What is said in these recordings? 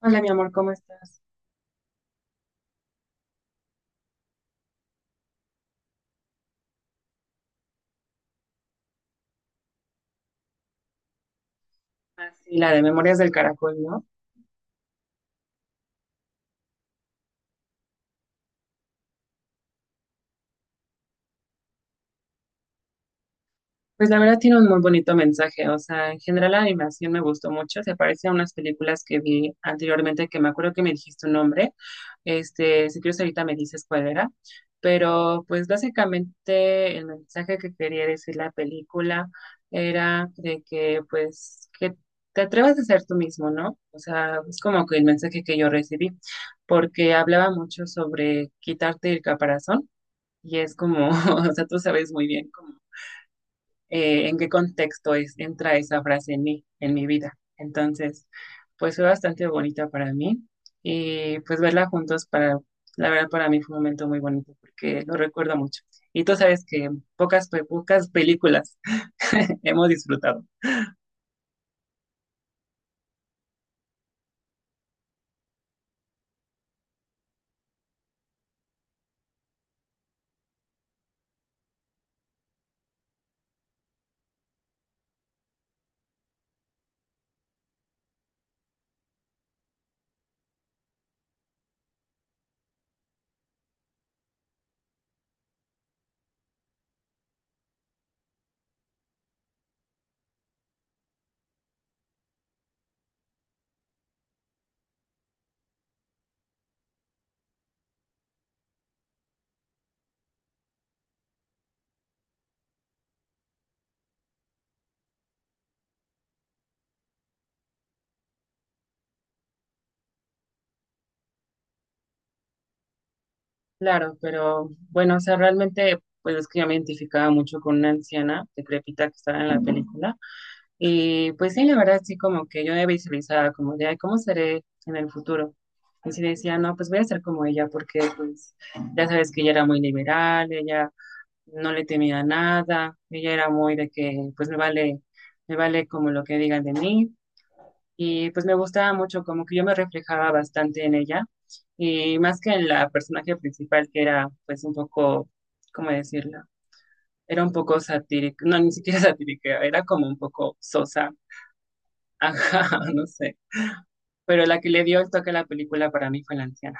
Hola, mi amor, ¿cómo estás? Ah, sí, la de Memorias del Caracol, ¿no? Pues la verdad tiene un muy bonito mensaje, o sea, en general la animación me gustó mucho, se parece a unas películas que vi anteriormente que me acuerdo que me dijiste un nombre, este, si quieres ahorita me dices cuál era, pero pues básicamente el mensaje que quería decir la película era de que pues que te atrevas a ser tú mismo, ¿no? O sea, es como que el mensaje que yo recibí, porque hablaba mucho sobre quitarte el caparazón. Y es como, o sea, tú sabes muy bien como, en qué contexto es, entra esa frase en mí, en mi vida. Entonces, pues fue bastante bonita para mí y pues verla juntos para, la verdad para mí fue un momento muy bonito porque lo recuerdo mucho. Y tú sabes que pocas, pocas películas hemos disfrutado. Claro, pero bueno, o sea, realmente pues es que yo me identificaba mucho con una anciana decrépita que estaba en la película. Y pues sí, la verdad sí, como que yo me visualizaba como de, "Ay, ¿cómo seré en el futuro? Y sí decía, no, pues voy a ser como ella, porque pues ya sabes que ella era muy liberal, ella no le temía a nada, ella era muy de que pues me vale como lo que digan de mí. Y pues me gustaba mucho, como que yo me reflejaba bastante en ella, y más que en la personaje principal, que era pues un poco, ¿cómo decirlo? Era un poco satírica, no, ni siquiera satírica, era como un poco sosa. Ajá, no sé. Pero la que le dio el toque a la película para mí fue la anciana.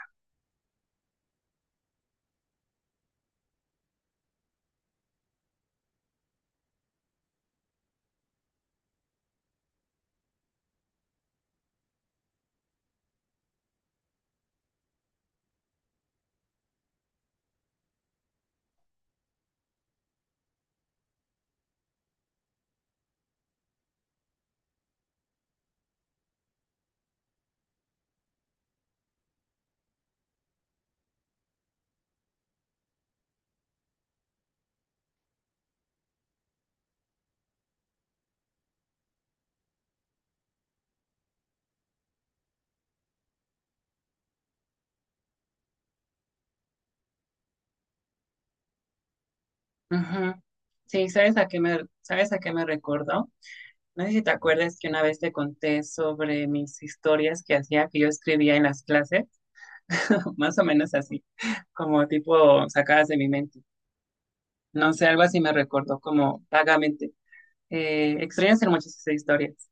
Ujú. Sí, ¿sabes a qué me, sabes a qué me recordó? No sé si te acuerdas que una vez te conté sobre mis historias que hacía, que yo escribía en las clases, más o menos así, como tipo sacadas de mi mente. No sé, algo así me recordó como vagamente. Extrañas en muchas esas historias.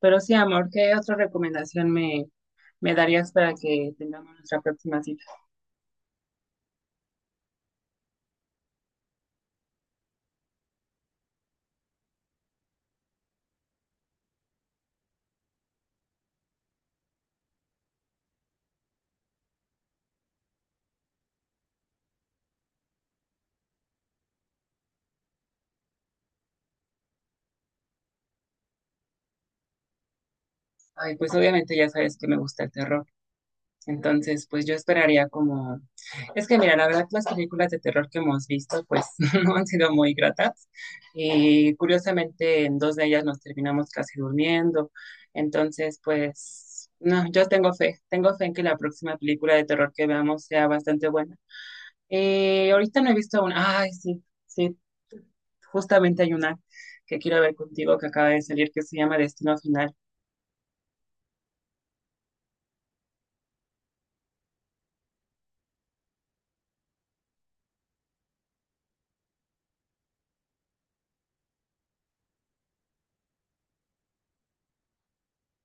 Pero sí, amor, ¿qué otra recomendación me, me darías para que tengamos nuestra próxima cita? Ay, pues obviamente ya sabes que me gusta el terror. Entonces, pues yo esperaría como... Es que mira, la verdad las películas de terror que hemos visto pues no han sido muy gratas y curiosamente en dos de ellas nos terminamos casi durmiendo. Entonces, pues no, yo tengo fe en que la próxima película de terror que veamos sea bastante buena. Ahorita no he visto una... Ay, sí, sí, justamente hay una que quiero ver contigo que acaba de salir que se llama Destino Final.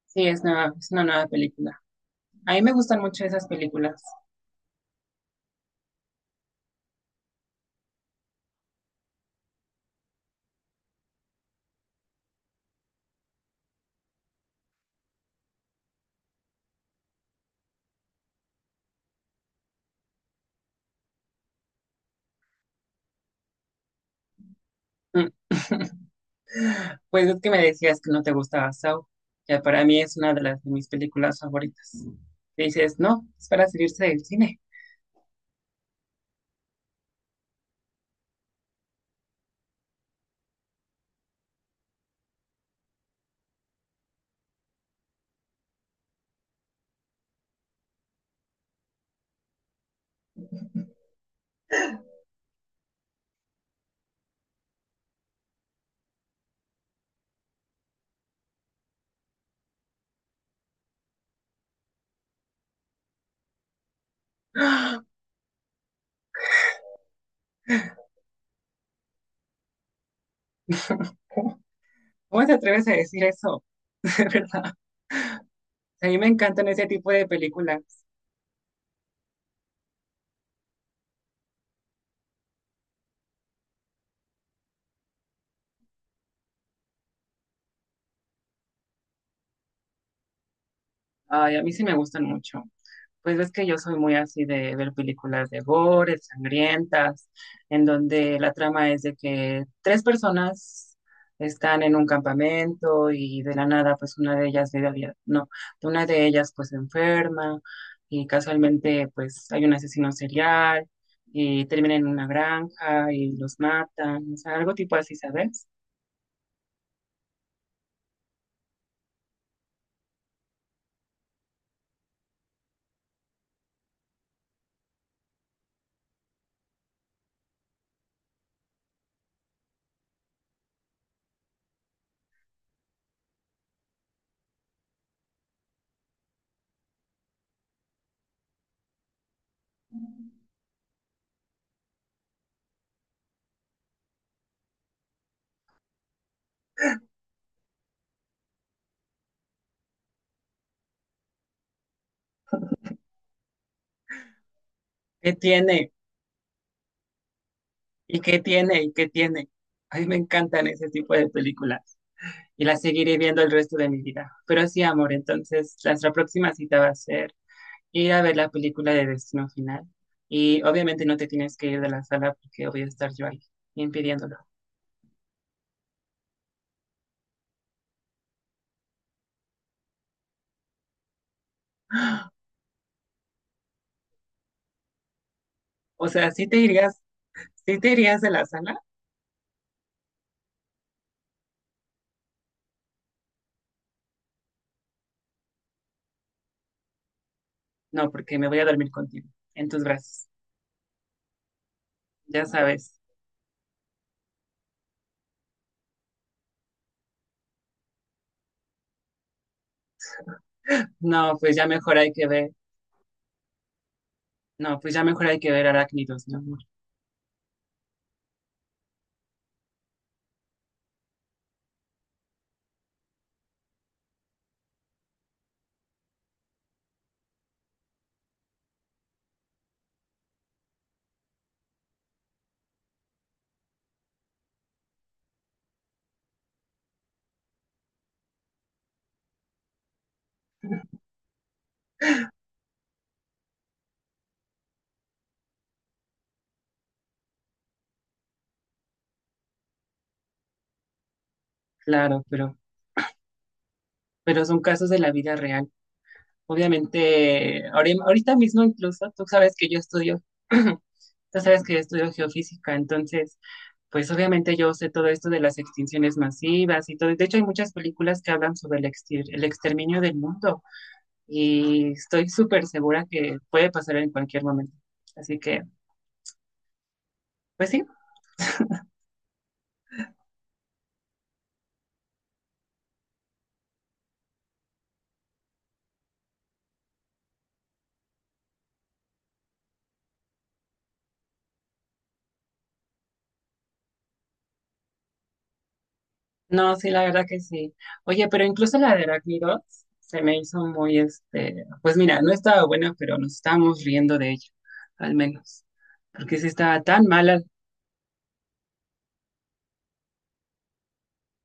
Sí, es una nueva película. A mí me gustan mucho esas películas. Mm. Pues es que me decías que no te gustaba Saw. Ya para mí es una de las de mis películas favoritas. Y dices, no, es para salirse del cine. ¿Cómo te atreves a decir eso? De verdad. A mí me encantan ese tipo de películas. Ay, a mí sí me gustan mucho. Pues ves que yo soy muy así de ver películas de gore, sangrientas, en donde la trama es de que tres personas están en un campamento y de la nada, pues una de ellas, no, una de ellas pues se enferma y casualmente pues hay un asesino serial y termina en una granja y los matan, o sea, algo tipo así, ¿sabes? ¿Qué tiene? ¿Y qué tiene? ¿Y qué tiene? A mí me encantan ese tipo de películas y la seguiré viendo el resto de mi vida. Pero sí, amor, entonces nuestra próxima cita va a ser ir a ver la película de Destino Final. Y obviamente no te tienes que ir de la sala porque voy a estar yo ahí impidiéndolo. O sea, sí te irías de la sala? No, porque me voy a dormir contigo, en tus brazos, ya sabes. No, pues ya mejor hay que ver, no, pues ya mejor hay que ver Arácnidos, mi amor. Claro, pero son casos de la vida real. Obviamente, ahorita mismo incluso, tú sabes que yo estudio tú sabes que yo estudio geofísica, entonces, pues obviamente yo sé todo esto de las extinciones masivas y todo. De hecho, hay muchas películas que hablan sobre el, el exterminio del mundo y estoy súper segura que puede pasar en cualquier momento. Así que, pues sí, no, sí, la verdad que sí. Oye, pero incluso la de Heráclitos se me hizo muy, este, pues mira, no estaba buena, pero nos estábamos riendo de ella, al menos, porque sí estaba tan mala.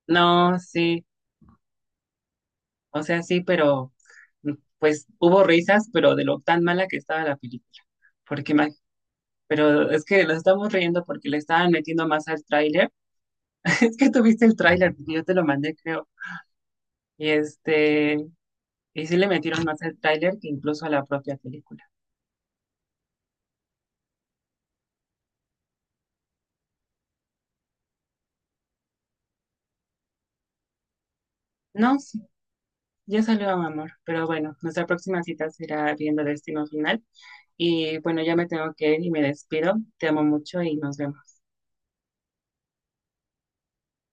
No, sí. O sea, sí, pero mm, pues hubo risas, pero de lo tan mala que estaba la película. Porque ma- pero es que nos estamos riendo porque le estaban metiendo más al tráiler. Es que tuviste el tráiler, porque yo te lo mandé, creo. Y este, y sí le metieron más al tráiler que incluso a la propia película. No, sí, ya salió amor. Pero bueno, nuestra próxima cita será viendo Destino Final. Y bueno, ya me tengo que ir y me despido. Te amo mucho y nos vemos.